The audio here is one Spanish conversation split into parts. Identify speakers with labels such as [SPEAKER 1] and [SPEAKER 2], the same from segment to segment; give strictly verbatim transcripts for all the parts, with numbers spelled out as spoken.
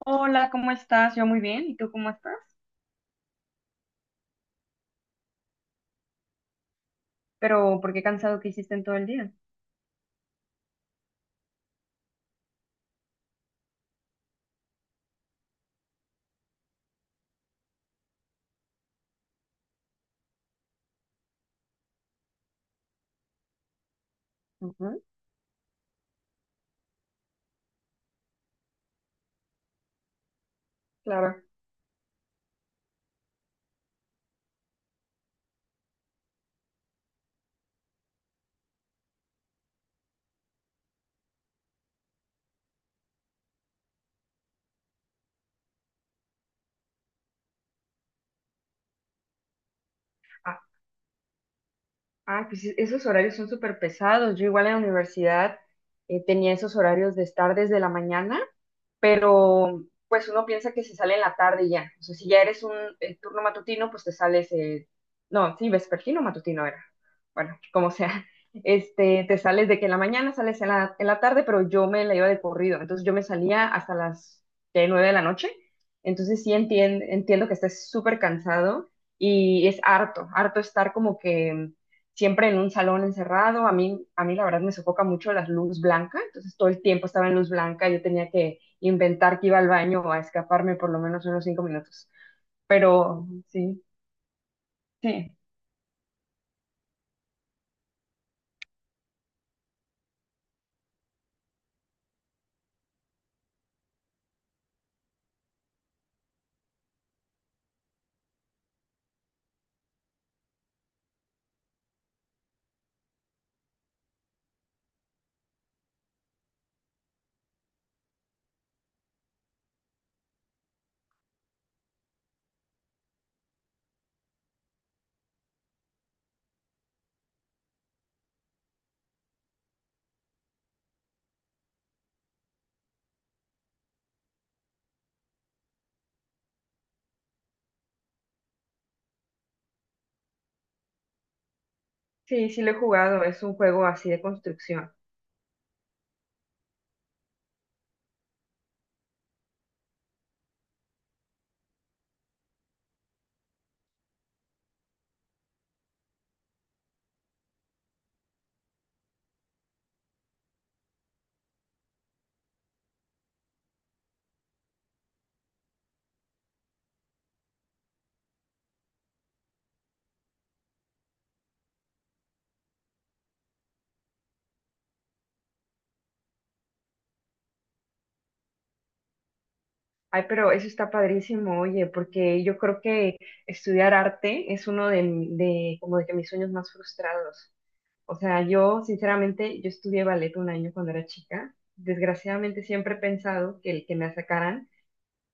[SPEAKER 1] Hola, ¿cómo estás? Yo muy bien, ¿y tú cómo estás? Pero, ¿por qué cansado que hiciste en todo el día? Ujú, claro. Ah, ah, pues es- esos horarios son súper pesados. Yo igual en la universidad eh, tenía esos horarios de estar desde la mañana, pero pues uno piensa que se sale en la tarde y ya. O sea, si ya eres un eh, turno matutino, pues te sales, eh, no, sí, vespertino, matutino era. Bueno, como sea. Este, te sales de que en la mañana, sales en la, en la tarde, pero yo me la iba de corrido. Entonces yo me salía hasta las ¿qué? Nueve de la noche. Entonces sí entien- entiendo que estés súper cansado y es harto, harto estar como que siempre en un salón encerrado. A mí, a mí la verdad me sofoca mucho la luz blanca. Entonces todo el tiempo estaba en luz blanca. Yo tenía que inventar que iba al baño o a escaparme por lo menos unos cinco minutos. Pero sí, sí, sí, sí lo he jugado, es un juego así de construcción. Ay, pero eso está padrísimo, oye, porque yo creo que estudiar arte es uno de, de, como de que mis sueños más frustrados. O sea, yo sinceramente, yo estudié ballet un año cuando era chica. Desgraciadamente siempre he pensado que el que me sacaran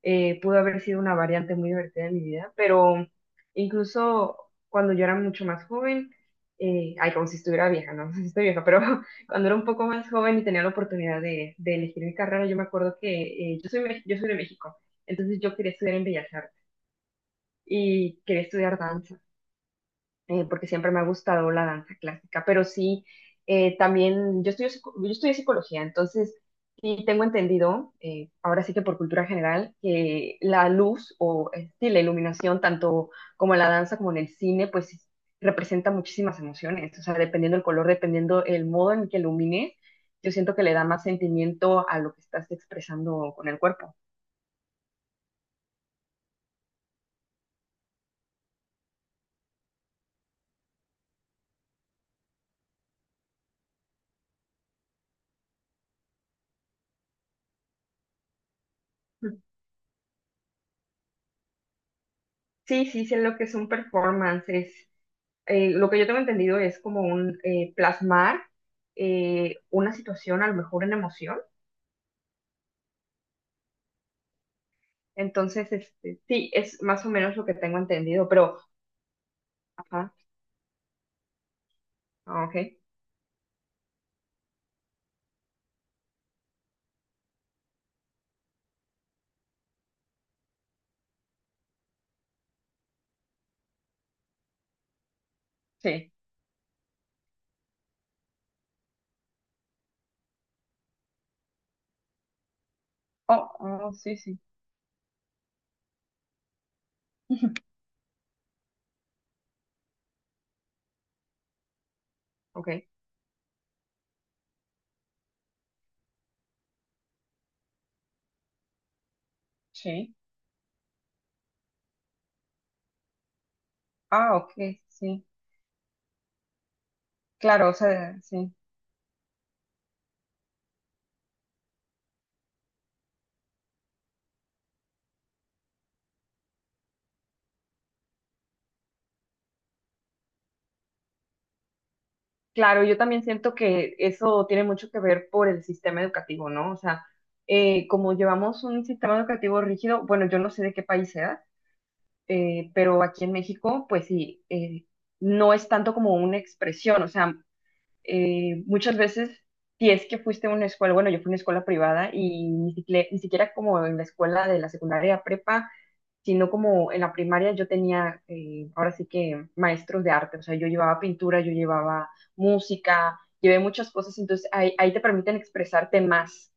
[SPEAKER 1] eh, pudo haber sido una variante muy divertida de mi vida, pero incluso cuando yo era mucho más joven, eh, ay, como si estuviera vieja, no, si estoy vieja, pero cuando era un poco más joven y tenía la oportunidad de, de elegir mi carrera, yo me acuerdo que eh, yo soy, me- yo soy de México, entonces yo quería estudiar en Bellas Artes y quería estudiar danza, eh, porque siempre me ha gustado la danza clásica, pero sí, eh, también yo estudio, psico- yo estudié psicología, entonces sí tengo entendido, eh, ahora sí que por cultura general, que la luz o eh, sí, la iluminación, tanto como en la danza como en el cine, pues sí, representa muchísimas emociones, o sea, dependiendo el color, dependiendo el modo en que ilumines, yo siento que le da más sentimiento a lo que estás expresando con el cuerpo. Sí, sí, sé lo que es un performance, es eh, lo que yo tengo entendido es como un eh, plasmar eh, una situación, a lo mejor en emoción. Entonces, este, sí, es más o menos lo que tengo entendido, pero, ajá, ah, ok. Sí. Oh, oh, sí, sí. Ok. Sí. Ah, ok, sí. Claro, o sea, sí. Claro, yo también siento que eso tiene mucho que ver por el sistema educativo, ¿no? O sea, eh, como llevamos un sistema educativo rígido, bueno, yo no sé de qué país sea, eh, pero aquí en México, pues sí, eh, no es tanto como una expresión, o sea, eh, muchas veces, si es que fuiste a una escuela, bueno, yo fui a una escuela privada y ni siquiera, ni siquiera como en la escuela de la secundaria prepa, sino como en la primaria yo tenía, eh, ahora sí que maestros de arte, o sea, yo llevaba pintura, yo llevaba música, llevé muchas cosas, entonces ahí, ahí te permiten expresarte más.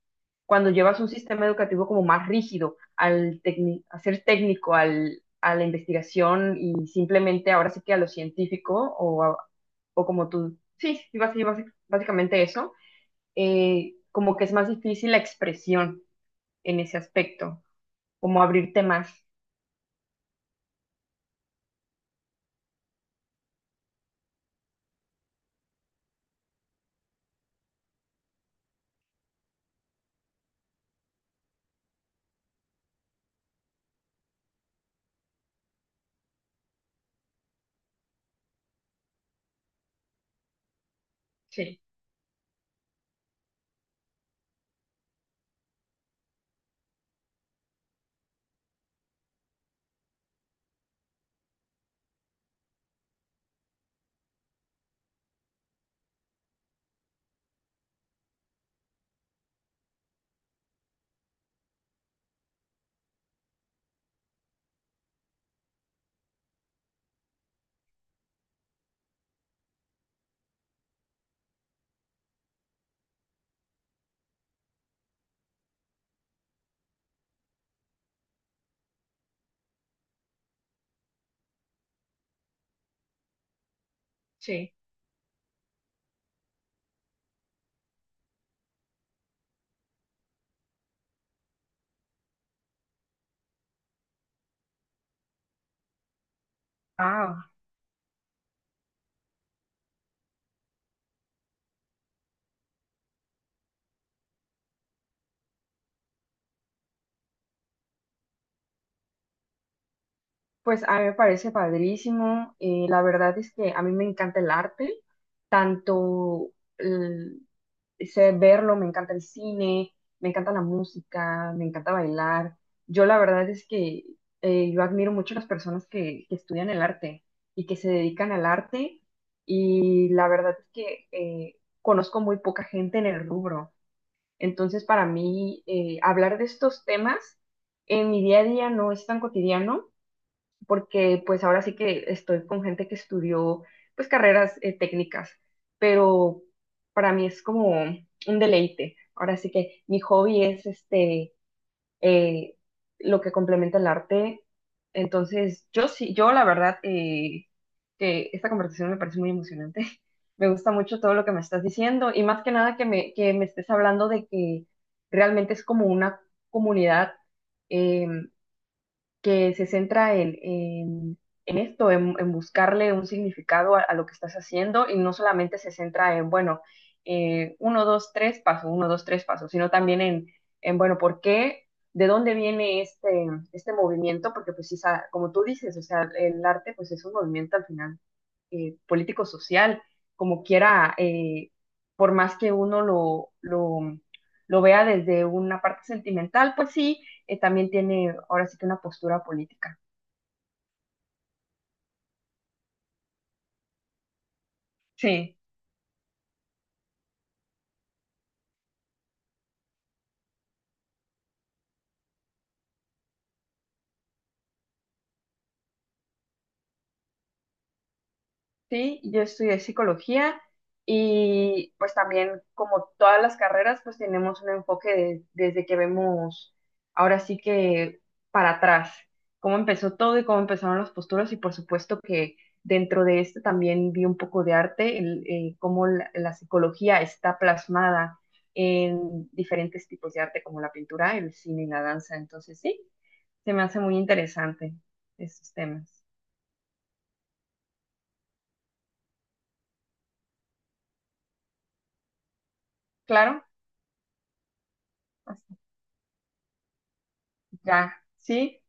[SPEAKER 1] Cuando llevas un sistema educativo como más rígido, al tecni- a ser técnico, al, a la investigación y simplemente ahora sí que a lo científico o, a- o como tú, sí, sí, basi- sí, basi- básicamente eso, eh, como que es más difícil la expresión en ese aspecto, como abrirte más. Sí, sí. Ah, pues a mí me parece padrísimo. Eh, la verdad es que a mí me encanta el arte, tanto el- sé verlo, me encanta el cine, me encanta la música, me encanta bailar. Yo la verdad es que eh, yo admiro mucho a las personas que, que estudian el arte y que se dedican al arte y la verdad es que eh, conozco muy poca gente en el rubro. Entonces para mí, eh, hablar de estos temas en mi día a día no es tan cotidiano porque pues ahora sí que estoy con gente que estudió pues carreras, eh, técnicas, pero para mí es como un deleite. Ahora sí que mi hobby es este, eh, lo que complementa el arte. Entonces, yo sí, yo la verdad, eh, que esta conversación me parece muy emocionante. Me gusta mucho todo lo que me estás diciendo y más que nada que me, que me estés hablando de que realmente es como una comunidad. em, que se centra en, en- en esto, en, en buscarle un significado a, a lo que estás haciendo y no solamente se centra en, bueno, eh, uno, dos, tres pasos, uno, dos, tres pasos, sino también en, en bueno, ¿por qué? ¿De dónde viene este, este movimiento? Porque pues sí, sa- como tú dices, o sea, el arte pues es un movimiento al final, eh, político-social, como quiera, eh, por más que uno lo, lo, lo vea desde una parte sentimental, pues sí, eh, también tiene ahora sí que una postura política. Sí. Sí, yo estudié psicología y pues también como todas las carreras pues tenemos un enfoque de- desde que vemos ahora sí que para atrás, cómo empezó todo y cómo empezaron las posturas y por supuesto que dentro de esto también vi un poco de arte, el, eh, cómo la, la psicología está plasmada en diferentes tipos de arte como la pintura, el cine y la danza, entonces sí, se me hace muy interesante esos temas. Claro, hasta ya, sí.